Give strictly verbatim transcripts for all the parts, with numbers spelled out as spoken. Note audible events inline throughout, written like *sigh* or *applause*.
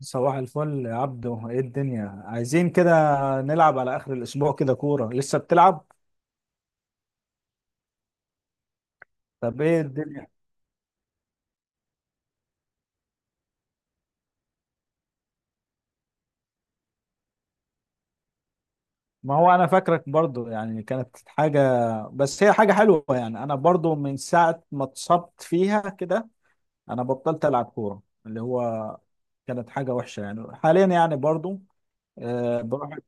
صباح الفل يا عبدو، ايه الدنيا عايزين كده. نلعب على اخر الاسبوع كده كورة؟ لسه بتلعب؟ طب ايه الدنيا. ما هو انا فاكرك برضو يعني كانت حاجة. بس هي حاجة حلوة يعني انا برضو من ساعة ما اتصبت فيها كده انا بطلت العب كورة اللي هو كانت حاجة وحشة يعني حاليا يعني برضو. آه، بروح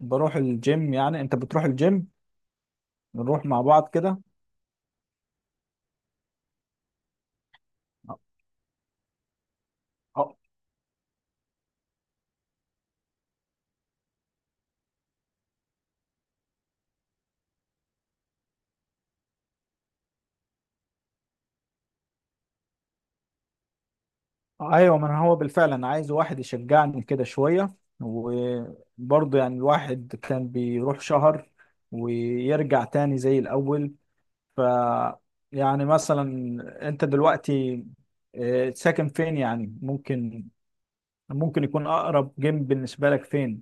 بروح الجيم. يعني انت بتروح الجيم نروح مع بعض كده. ايوه، ما أنا هو بالفعل انا عايز واحد يشجعني كده شويه. وبرضه يعني الواحد كان بيروح شهر ويرجع تاني زي الاول. ف يعني مثلا انت دلوقتي، آه، ساكن فين؟ يعني ممكن ممكن يكون اقرب جيم بالنسبه لك فين؟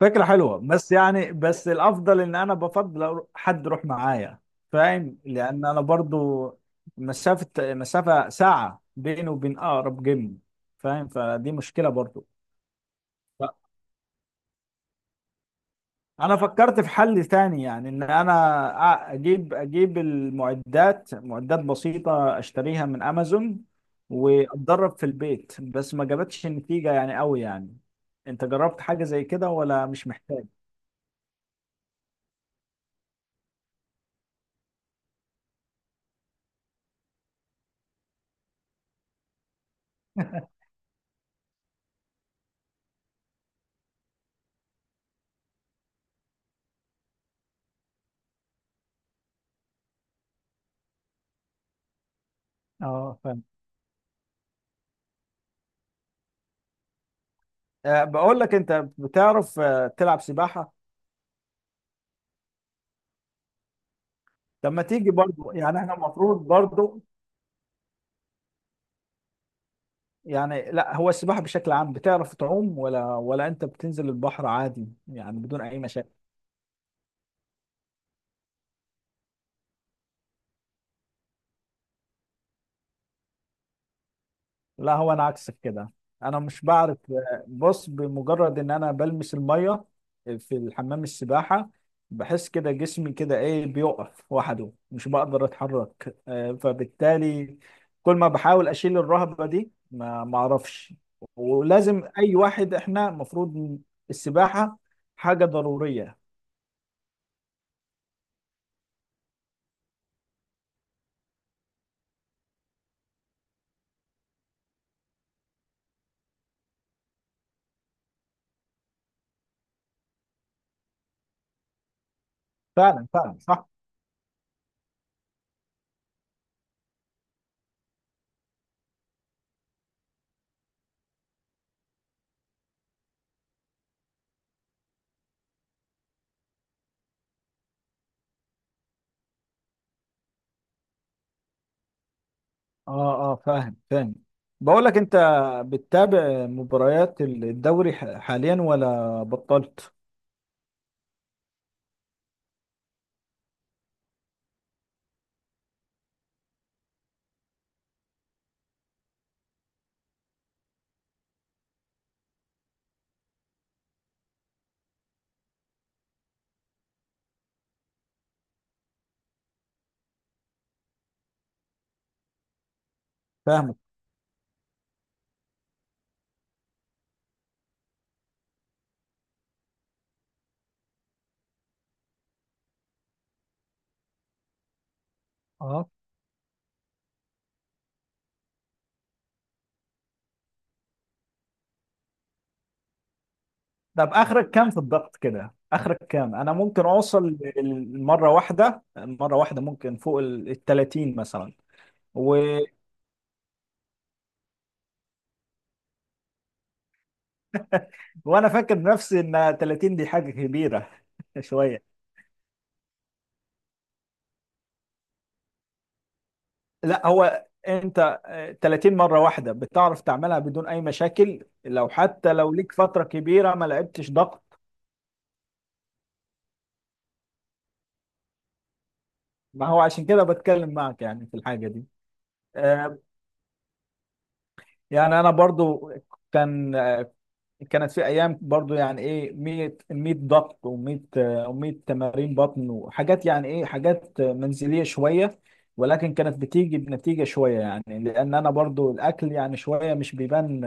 فكرة حلوة، بس يعني بس الأفضل إن أنا بفضل أرو- حد يروح معايا. فاهم، لأن أنا برضو مسافة مسافة ساعة بيني وبين أقرب جيم. فاهم، فدي مشكلة برضو. ف- أنا فكرت في حل تاني يعني إن أنا أ- أجيب أجيب المعدات، معدات بسيطة أشتريها من أمازون وأتدرب في البيت، بس ما جابتش نتيجة يعني قوي يعني. أنت جربت حاجة زي كده ولا مش محتاج؟ *laughs* اه، فاهم. آه، بقول لك انت، بتعرف آه، تلعب سباحة؟ طب ما تيجي برضو، يعني احنا المفروض برضو. يعني لا، هو السباحة بشكل عام بتعرف تعوم ولا ولا انت بتنزل البحر عادي يعني بدون اي مشاكل؟ لا هو انا عكسك كده، انا مش بعرف. بص، بمجرد ان انا بلمس الميه في الحمام السباحه بحس كده جسمي كده ايه بيقف وحده مش بقدر اتحرك. آه، فبالتالي كل ما بحاول اشيل الرهبه دي ما ما اعرفش. ولازم اي واحد، احنا المفروض السباحه حاجه ضروريه. فعلا فعلا، صح. اه، اه، فاهم فاهم. بقول لك انت، بتتابع مباريات الدوري ح- حاليا ولا بطلت؟ فاهمك. اه، طب اخرك كام في الضغط كده؟ اخرك كام انا ممكن اوصل؟ مره واحده، مره واحده ممكن فوق ال ثلاثين مثلا؟ و... وانا فاكر نفسي ان تلاتين دي حاجه كبيره. *laughs* شويه. لا هو انت، تلاتين مره واحده بتعرف تعملها بدون اي مشاكل، لو حتى لو ليك فتره كبيره ما لعبتش ضغط؟ ما هو عشان كده بتكلم معك يعني في الحاجه دي. آه، يعني انا برضو كان كانت في ايام برضو يعني ايه ميه ميه ضغط وميه وميه تمارين بطن وحاجات، يعني ايه حاجات منزليه شويه، ولكن كانت بتيجي بنتيجه شويه يعني لان انا برضو الاكل يعني شويه مش بيبان.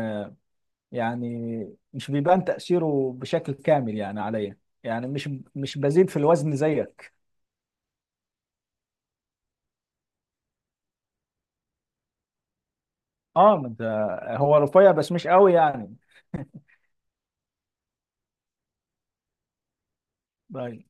يعني مش بيبان تاثيره بشكل كامل يعني عليا. يعني مش مش بزيد في الوزن زيك. اه، ما انت هو رفيع بس مش قوي يعني. طيب.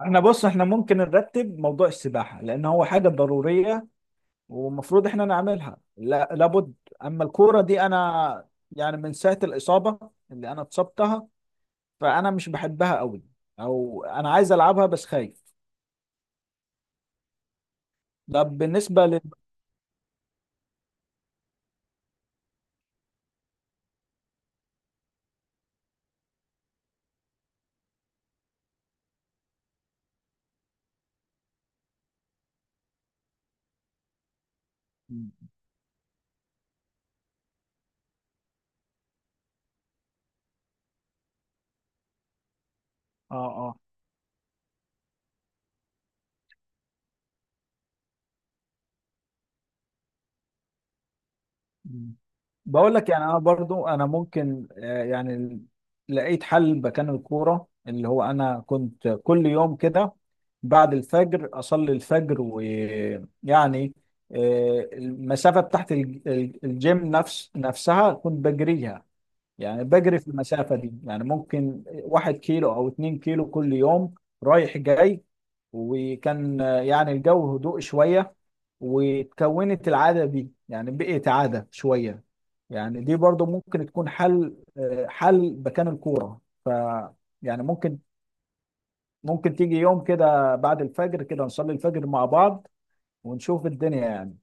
احنا بص، احنا ممكن نرتب موضوع السباحه لان هو حاجه ضروريه والمفروض احنا نعملها، لا لابد. اما الكوره دي انا يعني من ساعه الاصابه اللي انا اتصبتها فانا مش بحبها قوي، او انا عايز العبها بس خايف. ده بالنسبه لل اه. مم. بقول لك يعني انا برضو انا ممكن، آه، يعني ال- لقيت حل مكان الكوره اللي هو انا كنت كل يوم كده بعد الفجر اصلي الفجر ويعني آه، المسافه بتاعت الج- الج- الجيم نفس نفسها كنت بجريها. يعني بجري في المسافة دي، يعني ممكن واحد كيلو أو اتنين كيلو كل يوم، رايح جاي. وكان آه، يعني الجو هدوء شوية، وتكونت العادة دي يعني بقيت عادة شوية. يعني دي برضو ممكن تكون حل، آه، حل مكان الكورة. ف يعني ممكن ممكن تيجي يوم كده بعد الفجر كده نصلي الفجر مع بعض ونشوف الدنيا يعني.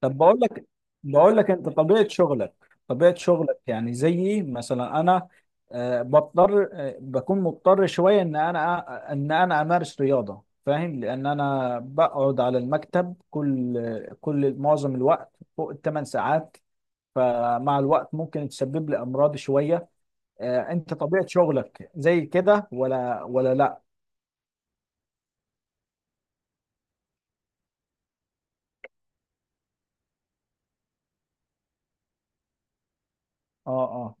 طب، بقول لك بقول لك انت، طبيعة شغلك طبيعة شغلك يعني زيي مثلا انا، آه، بضطر آه، بكون مضطر شوية ان انا ان انا امارس رياضة، فاهم، لان انا بقعد على المكتب كل كل معظم الوقت فوق التمن ساعات، فمع الوقت ممكن تسبب لي امراض شوية. آه، انت طبيعة شغلك زي كده ولا ولا لا؟ اه، آه.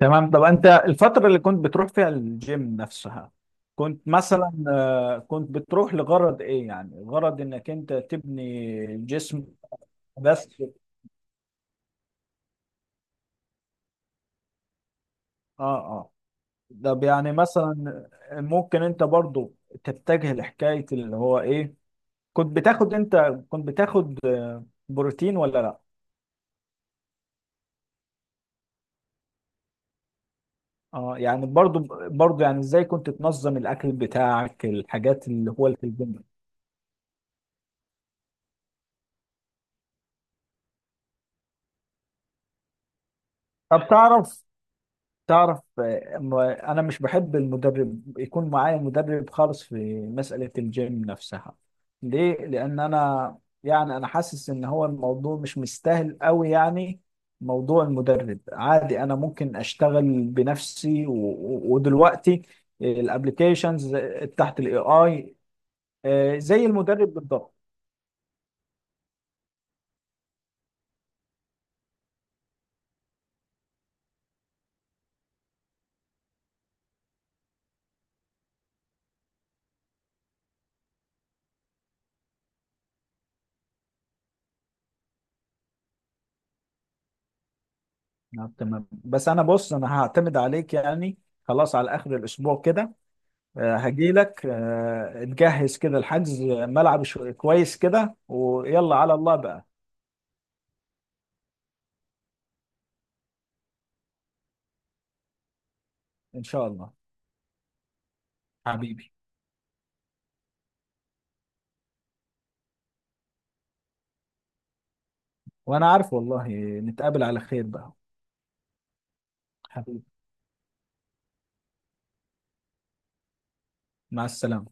تمام. طب انت الفترة اللي كنت بتروح فيها الجيم نفسها كنت مثلا، آه، كنت بتروح لغرض ايه؟ يعني غرض انك انت تبني جسم بس؟ اه، اه. طب يعني مثلا ممكن انت برضو تتجه لحكاية اللي هو ايه، كنت بتاخد انت كنت بتاخد آه، بروتين ولا لا؟ اه، يعني برضو برضو يعني ازاي كنت تنظم الاكل بتاعك، الحاجات اللي هو اللي في الجيم. طب تعرف تعرف آه، ما- انا مش بحب المدرب يكون معايا، مدرب خالص في مسألة الجيم نفسها. ليه؟ لان انا يعني انا حاسس ان هو الموضوع مش مستاهل قوي يعني، موضوع المدرب عادي. انا ممكن اشتغل بنفسي، و... و- ودلوقتي الابليكيشنز تحت الاي اي زي المدرب بالضبط. نعم، تمام. بس انا بص، انا هعتمد عليك يعني. خلاص، على اخر الاسبوع كده هجي لك. تجهز كده الحجز، ملعب شو- كويس كده، ويلا على الله بقى. إن شاء الله. حبيبي. وأنا عارف والله، نتقابل على خير بقى. حبيبي. مع السلامة.